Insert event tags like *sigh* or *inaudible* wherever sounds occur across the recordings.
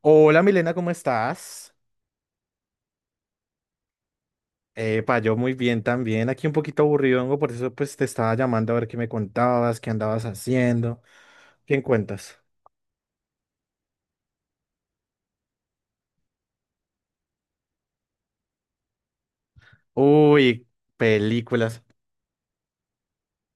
Hola Milena, ¿cómo estás? Epa, yo muy bien también, aquí un poquito aburrido, vengo, por eso pues te estaba llamando a ver qué me contabas, qué andabas haciendo. ¿Qué cuentas? Uy, películas.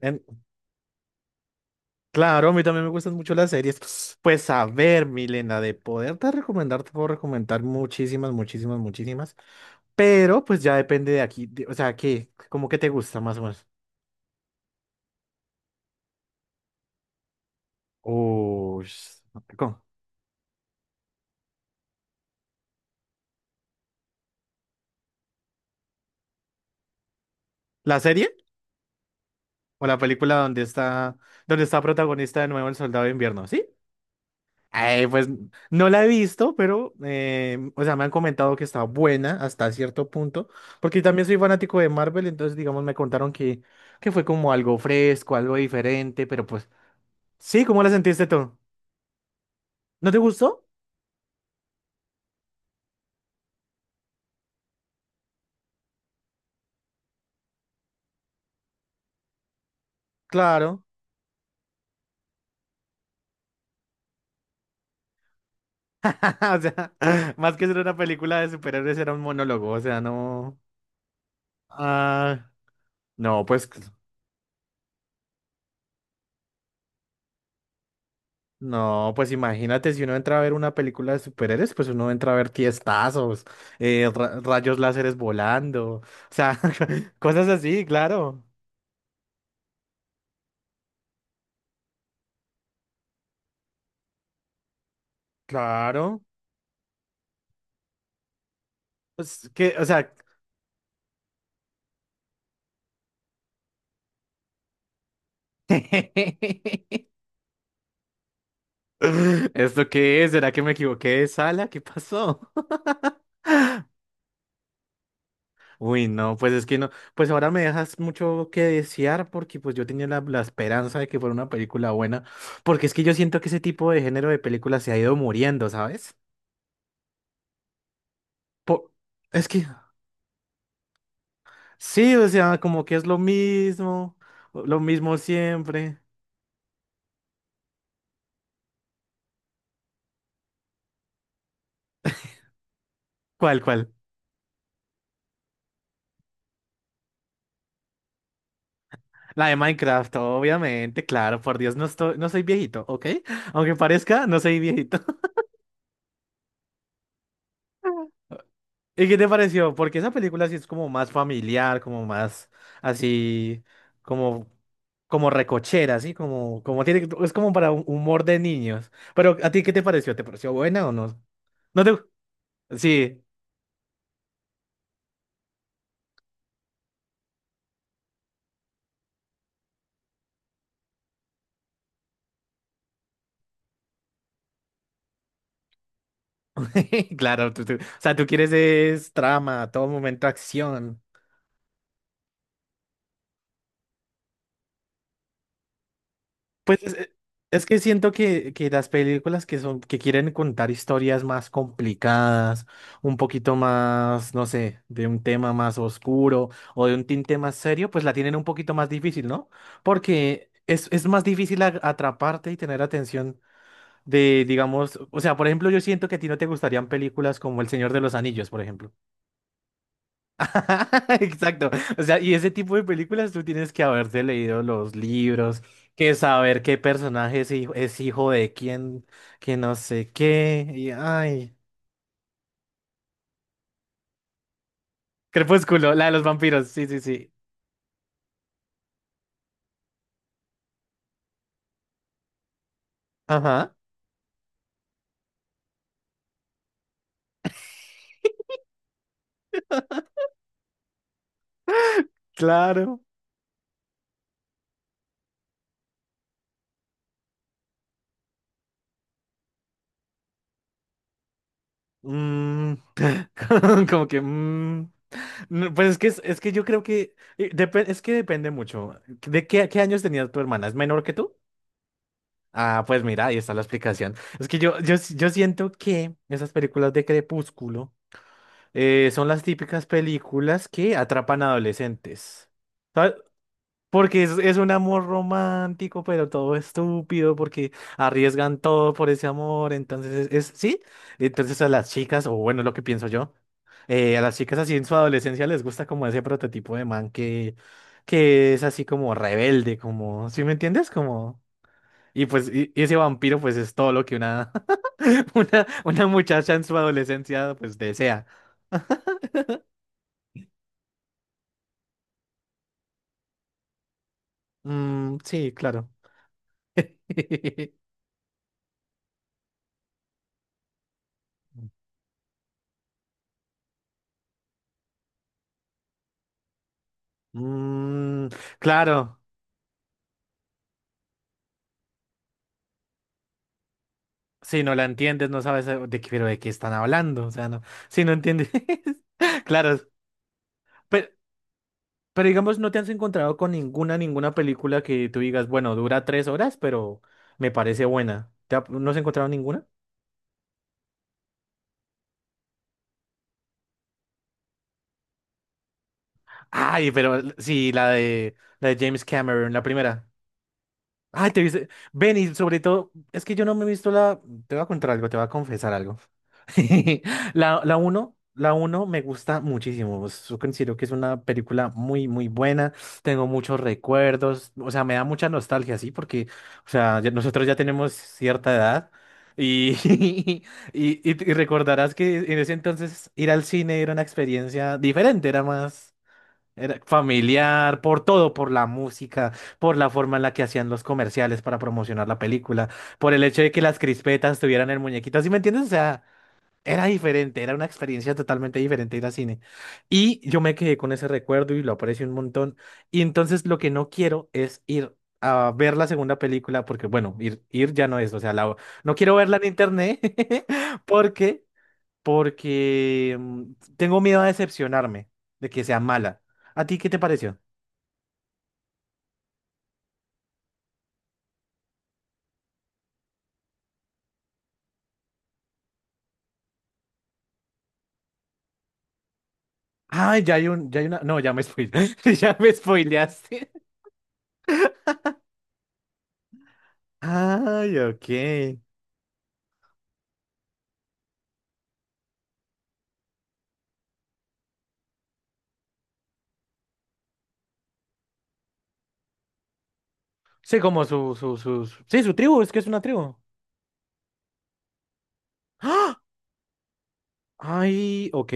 En- claro, a mí también me gustan mucho las series. Pues a ver, Milena, de poderte recomendar, te puedo recomendar muchísimas, muchísimas, muchísimas, pero pues ya depende de aquí, o sea, ¿qué? ¿Cómo que te gusta más o menos? Uy, ¿cómo? ¿La serie? O la película donde está, protagonista de nuevo el Soldado de Invierno, ¿sí? Pues no la he visto, pero, o sea, me han comentado que está buena hasta cierto punto, porque también soy fanático de Marvel. Entonces, digamos, me contaron que fue como algo fresco, algo diferente, pero pues sí, ¿cómo la sentiste tú? ¿No te gustó? Claro. *laughs* O sea, más que ser una película de superhéroes, era un monólogo, o sea, no. Ah, no, pues. No, pues imagínate, si uno entra a ver una película de superhéroes, pues uno entra a ver tiestazos, rayos láseres volando, o sea, *laughs* cosas así, claro, claro. Pues que, o sea, *laughs* ¿esto qué es? ¿Será que me equivoqué de sala? ¿Qué pasó? *laughs* Uy, no, pues es que no, pues ahora me dejas mucho que desear porque pues yo tenía la esperanza de que fuera una película buena, porque es que yo siento que ese tipo de género de películas se ha ido muriendo, ¿sabes? Po- es que sí, o sea, como que es lo mismo siempre. ¿Cuál, cuál? La de Minecraft, obviamente, claro, por Dios, no estoy, no soy viejito, ¿ok? *laughs* Aunque parezca, no soy viejito. *laughs* ¿Y qué te pareció? Porque esa película sí es como más familiar, como más así, como, como recochera, así, como tiene, es como para un humor de niños. Pero, ¿a ti qué te pareció? ¿Te pareció buena o no? No te, sí. *laughs* Claro, o sea, tú quieres es trama, a todo momento acción. Pues es que siento que las películas que son, que quieren contar historias más complicadas, un poquito más, no sé, de un tema más oscuro o de un tinte más serio, pues la tienen un poquito más difícil, ¿no? Porque es más difícil atraparte y tener atención de, digamos, o sea, por ejemplo, yo siento que a ti no te gustarían películas como El Señor de los Anillos, por ejemplo. *laughs* Exacto. O sea, y ese tipo de películas tú tienes que haberte leído los libros, que saber qué personaje es hijo de quién, que no sé qué. Y, ay, Crepúsculo, la de los vampiros. Sí, sí, sí. Ajá, claro. Mm, *laughs* como que... mm. No, pues es que, es que yo creo que... es que depende mucho. ¿De qué, qué años tenía tu hermana? ¿Es menor que tú? Ah, pues mira, ahí está la explicación. Es que yo siento que esas películas de Crepúsculo son las típicas películas que atrapan adolescentes. ¿Sabes? Porque es un amor romántico, pero todo estúpido, porque arriesgan todo por ese amor. Entonces, sí. Entonces a las chicas, o bueno, lo que pienso yo, a las chicas así en su adolescencia les gusta como ese prototipo de man que es así como rebelde, como, ¿sí me entiendes? Como... Y pues y ese vampiro pues es todo lo que una, *laughs* una muchacha en su adolescencia pues desea. Mm, sí, claro. *laughs* Mm, claro, si no la entiendes, no sabes de qué, pero de qué están hablando, o sea, no, si no entiendes, *laughs* claro, pero, pero digamos, no te has encontrado con ninguna película que tú digas, bueno, dura 3 horas, pero me parece buena. ¿Te ha- no has encontrado ninguna? Ay, pero l- sí, la de, James Cameron, la primera. Ay, te viste. Ven, y sobre todo, es que yo no me he visto la. Te voy a contar algo, te voy a confesar algo. *laughs* La uno me gusta muchísimo. Yo considero que es una película muy, muy buena. Tengo muchos recuerdos. O sea, me da mucha nostalgia, sí, porque, o sea, nosotros ya tenemos cierta edad. Y, *laughs* y, y recordarás que en ese entonces ir al cine era una experiencia diferente, era más. Era familiar, por todo, por la música, por la forma en la que hacían los comerciales para promocionar la película, por el hecho de que las crispetas tuvieran el muñequito, ¿sí me entiendes? O sea, era diferente, era una experiencia totalmente diferente ir al cine. Y yo me quedé con ese recuerdo y lo aprecio un montón. Y entonces lo que no quiero es ir a ver la segunda película, porque bueno, ir, ir ya no es, o sea, no quiero verla en internet, *laughs* porque porque tengo miedo a decepcionarme de que sea mala. ¿A ti qué te pareció? Ah, ya hay una. No, ya me spoileaste. *laughs* Ya me spoileaste. Ay, ok. Sí, como sus. Sí, su tribu, es que es una tribu. ¡Ah! Ay, ok.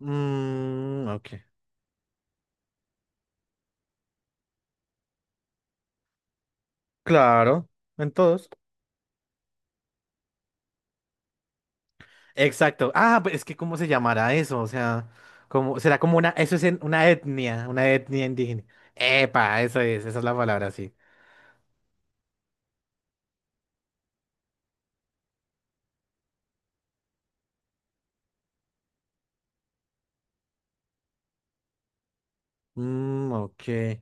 Mm, ok. Claro, en todos. Exacto. Ah, pues es que ¿cómo se llamará eso? O sea, como, será como una, eso es una etnia indígena. Epa, eso es, esa es la palabra, sí. Mm, ok.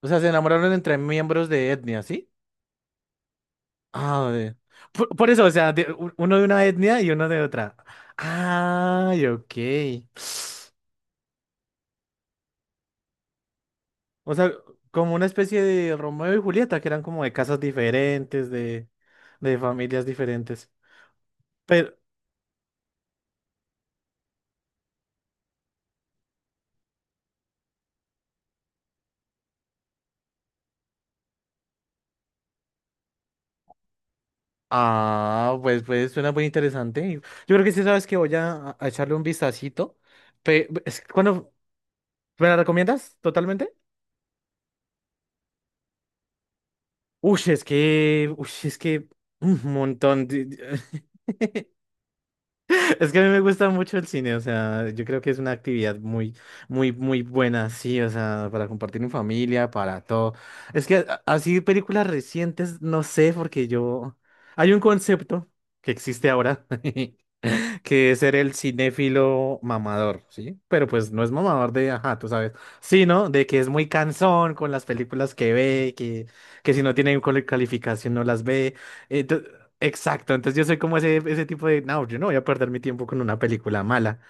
O sea, se enamoraron entre miembros de etnia, ¿sí? Ah, de- por eso, o sea, de- uno de una etnia y uno de otra. Ay, ok. O sea, como una especie de Romeo y Julieta, que eran como de casas diferentes, de familias diferentes. Pero, ah, pues, pues suena muy interesante. Yo creo que sí, sabes que voy a echarle un vistacito. Pe- es- ¿cuándo me la recomiendas totalmente? Uy, es que un montón. De- *laughs* Es que a mí me gusta mucho el cine, o sea, yo creo que es una actividad muy, muy, muy buena, sí, o sea, para compartir en familia, para todo. Es que a- así películas recientes, no sé, porque yo, hay un concepto que existe ahora *laughs* que es ser el cinéfilo mamador, ¿sí? Pero pues no es mamador de, ajá, tú sabes, sino de que es muy cansón con las películas que ve, que si no tienen calificación no las ve. Ento- exacto, entonces yo soy como ese tipo de, no, yo no voy a perder mi tiempo con una película mala,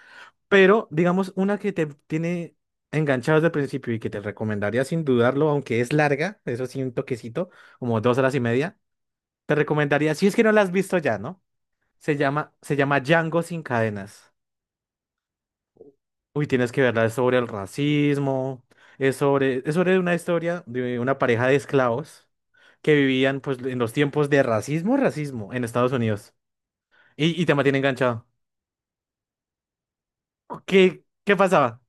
pero digamos una que te tiene enganchado desde el principio y que te recomendaría sin dudarlo, aunque es larga, eso sí, un toquecito, como 2 horas y media, te recomendaría, si es que no la has visto ya, ¿no? se llama, Django sin cadenas. Uy, tienes que verla, es sobre el racismo, es sobre una historia de una pareja de esclavos que vivían pues en los tiempos de racismo, en Estados Unidos. Y te mantiene enganchado. Oh, ¿Qué pasaba?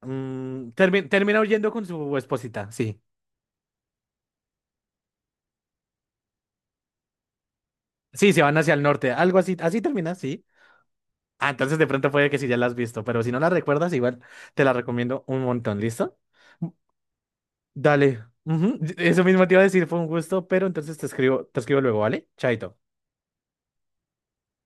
Mm, termina huyendo con su esposita, sí. Sí, se van hacia el norte, algo así, así termina, sí. Ah, entonces de pronto puede que sí ya la has visto, pero si no la recuerdas, igual te la recomiendo un montón, ¿listo? Dale. Ujú, eso mismo te iba a decir, fue un gusto, pero entonces te escribo, luego, ¿vale? Chaito.